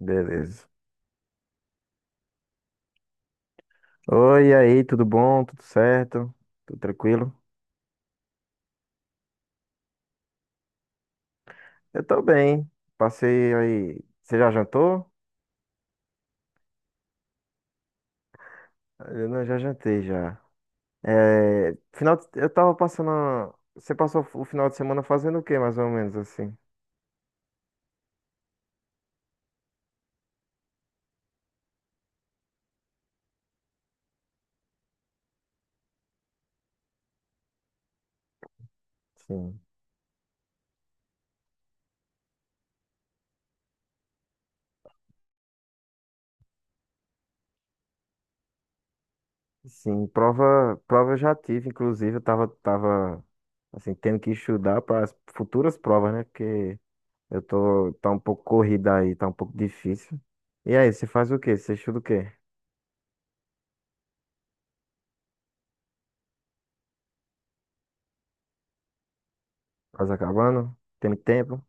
Beleza. Oi, e aí, tudo bom? Tudo certo? Tudo tranquilo? Eu tô bem. Passei aí. Você já jantou? Eu não, já jantei já. Eu tava passando. Você passou o final de semana fazendo o quê, mais ou menos assim? Sim. Sim, prova, eu já tive, inclusive, eu tava assim, tendo que estudar para as futuras provas, né? Porque tá um pouco corrida aí, tá um pouco difícil. E aí, você faz o quê? Você estuda o quê? Copacabana? Tem tempo?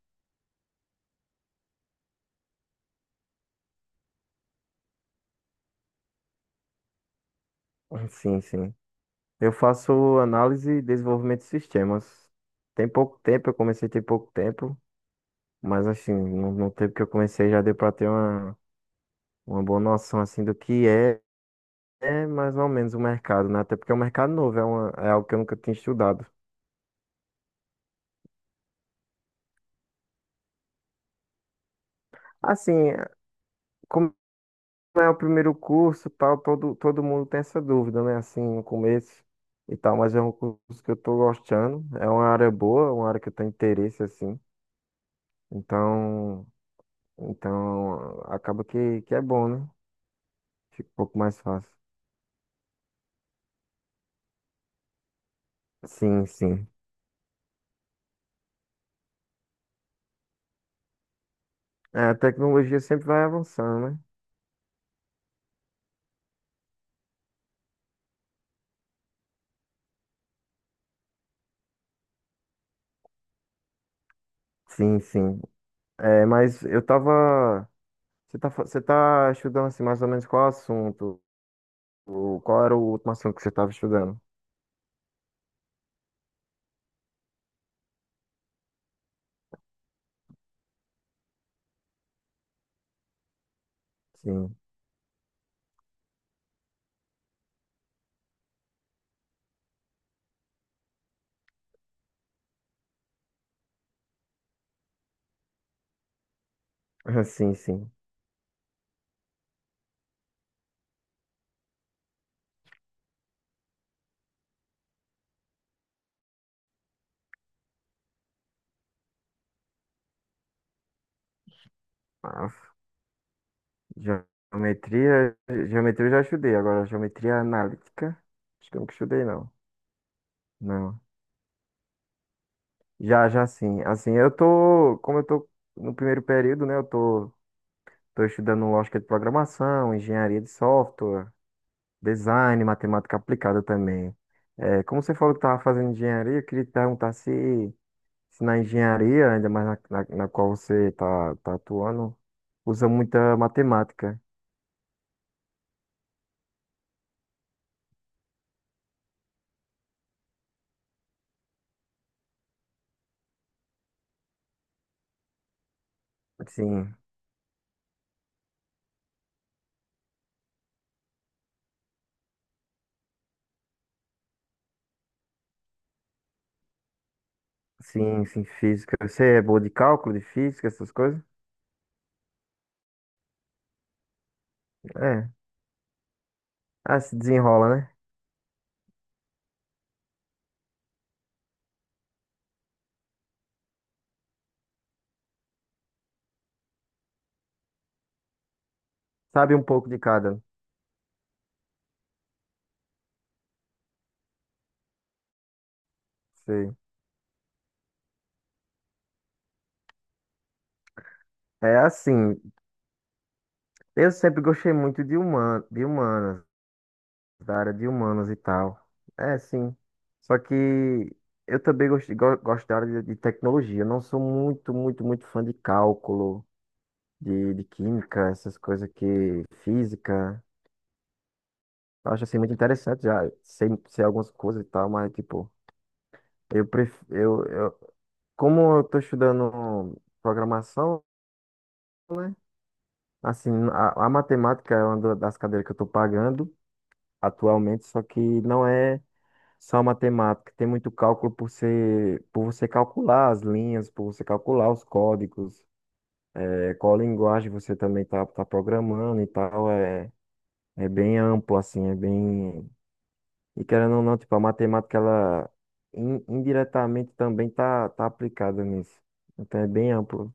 Sim, sim. Eu faço análise e desenvolvimento de sistemas. Tem pouco tempo, eu comecei tem pouco tempo, mas assim, no tempo que eu comecei já deu para ter uma boa noção assim do que é, é mais ou menos o mercado, né? Até porque é um mercado novo, é algo que eu nunca tinha estudado. Assim, como é o primeiro curso, tal, todo mundo tem essa dúvida, né? Assim, no começo e tal, mas é um curso que eu tô gostando, é uma área boa, uma área que eu tenho interesse, assim. Então, então acaba que é bom, né? Fica um pouco mais fácil. Sim, sim. É, a tecnologia sempre vai avançando, né? Sim, sim. É, mas eu tava. Você tá, você tá estudando assim, mais ou menos qual assunto? Qual era o último assunto que você tava estudando? Sim. Ah, sim, sim. Ah, geometria. Geometria eu já estudei. Agora, geometria analítica. Acho que eu nunca estudei, não. Não. Já, já sim. Assim, como eu tô no primeiro período, né, tô estudando lógica de programação, engenharia de software, design, matemática aplicada também. É, como você falou que estava fazendo engenharia, eu queria te perguntar se, se na engenharia, ainda mais na qual você tá, tá atuando, usa muita matemática. Sim, sim, sim, física. Você é boa de cálculo, de física, essas coisas? É. Ah, se desenrola, né? Sabe um pouco de cada. Sei. É assim, eu sempre gostei muito de, de humanas, da área de humanas e tal. É, sim. Só que eu também gosto, gosto da área de tecnologia. Eu não sou muito, muito, muito fã de cálculo, de química, essas coisas que... física. Eu acho, assim, muito interessante já. Sei, sei algumas coisas e tal, mas, tipo... Eu prefiro... como eu tô estudando programação, né? Assim, a matemática é uma das cadeiras que eu tô pagando atualmente, só que não é... Só matemática, tem muito cálculo por ser, por você calcular as linhas, por você calcular os códigos, é, qual linguagem você também tá, tá programando e tal, é, é bem amplo, assim, é bem... E querendo ou não, tipo, a matemática, ela indiretamente também tá, tá aplicada nisso, então é bem amplo.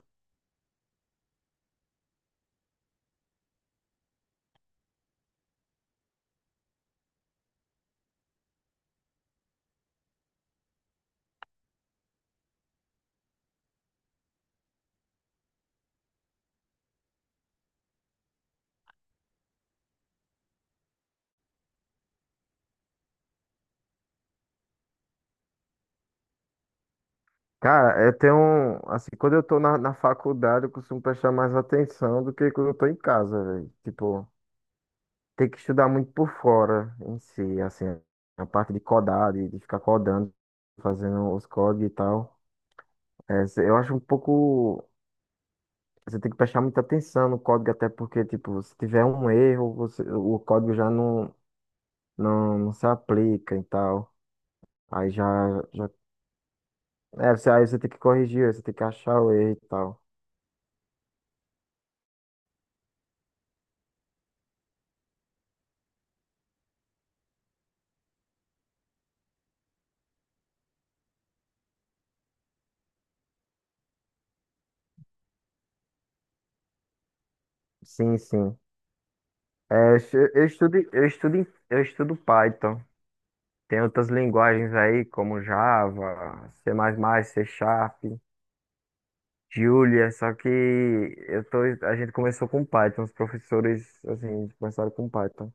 Cara, assim, quando eu tô na faculdade, eu costumo prestar mais atenção do que quando eu tô em casa, velho. Tipo. Ter que estudar muito por fora em si, assim, a parte de codar, de ficar codando, fazendo os códigos e tal. Eu acho um pouco. Você tem que prestar muita atenção no código, até porque, tipo, se tiver um erro, o código já não se aplica e tal. Aí já, já, é, você, aí você tem que corrigir, você tem que achar o erro e tal. Sim, sim. É, eu estudo, eu estudo Python. Tem outras linguagens aí, como Java, C++, C Sharp. Julia, só que eu tô, a gente começou com Python, os professores assim começaram com Python.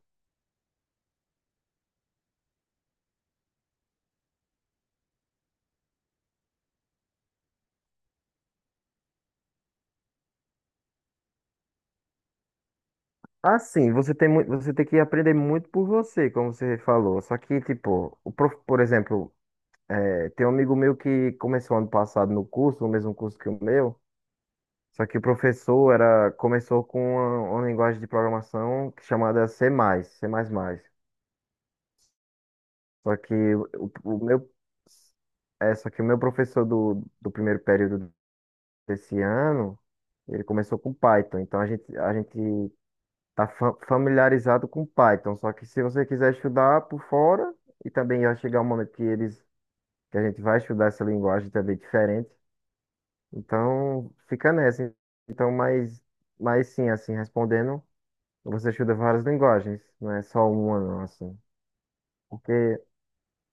Ah, sim, você tem muito, você tem que aprender muito por você, como você falou. Só que tipo, o prof, por exemplo, é, tem um amigo meu que começou ano passado no curso, no mesmo curso que o meu. Só que o professor era começou com uma linguagem de programação chamada C++, C++. Só que o meu só que o meu professor do primeiro período desse ano, ele começou com Python. Então a gente tá familiarizado com Python. Só que se você quiser estudar por fora, e também vai chegar um momento que eles, que a gente vai estudar essa linguagem também diferente. Então fica nessa. Então, mas, mas sim, assim, respondendo, você estuda várias linguagens, não é só uma, não, assim. Porque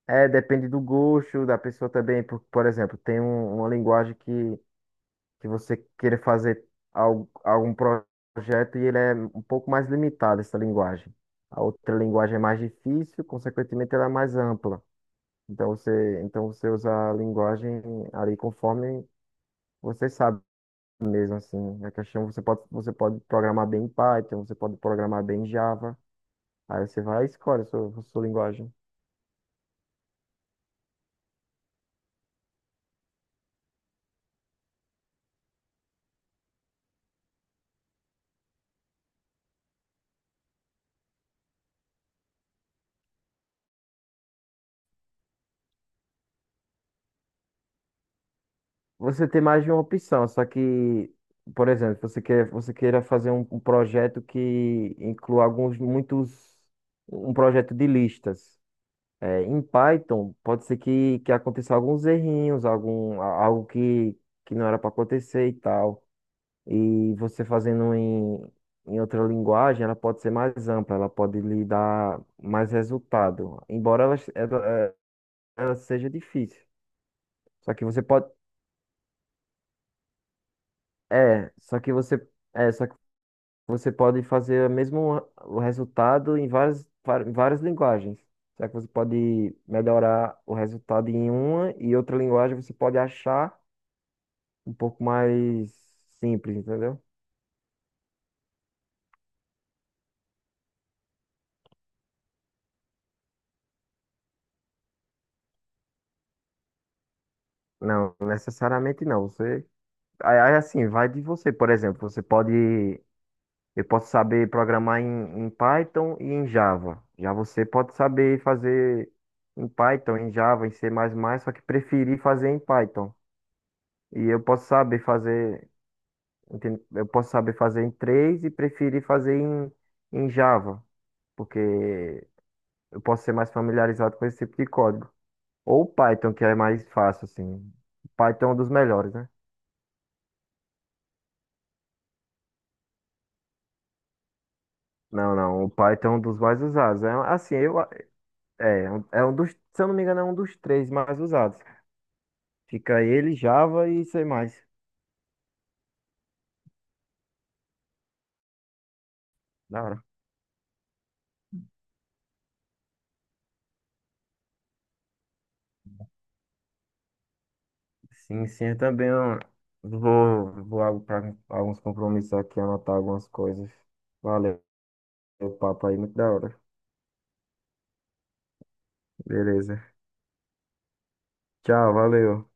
é, depende do gosto da pessoa também. Por exemplo, tem uma linguagem que você querer fazer algum projeto e ele é um pouco mais limitado, essa linguagem. A outra linguagem é mais difícil, consequentemente ela é mais ampla. Então você usa a linguagem ali conforme você sabe mesmo assim. A questão você pode programar bem em Python, você pode programar bem em Java. Aí você vai e escolhe a sua linguagem. Você tem mais de uma opção, só que, por exemplo, você queira fazer um projeto que inclua alguns, muitos, um projeto de listas. É, em Python, pode ser que aconteça alguns errinhos, algum, algo que não era para acontecer e tal. E você fazendo em, em outra linguagem, ela pode ser mais ampla, ela pode lhe dar mais resultado, embora ela seja difícil. Só que você pode, é, só que você é, só Você pode fazer o mesmo o resultado em várias, em várias linguagens. Será que você pode melhorar o resultado em uma e outra linguagem você pode achar um pouco mais simples, entendeu? Não, necessariamente não. Você aí, assim, vai de você, por exemplo, você pode eu posso saber programar em, em Python e em Java. Já você pode saber fazer em Python, em Java, em C++, só que preferir fazer em Python. E eu posso saber fazer. Entende? Eu posso saber fazer em 3 e preferir fazer em, em Java, porque eu posso ser mais familiarizado com esse tipo de código. Ou Python, que é mais fácil, assim. Python é um dos melhores, né? Não, não, o Python é um dos mais usados. É, assim, eu, é, é um dos, se eu não me engano, é um dos três mais usados. Fica ele, Java e C++. Da hora. Sim, sim, eu também, ó, vou para alguns compromissos aqui, anotar algumas coisas. Valeu, o papo aí, muito da hora. Beleza. Tchau, valeu.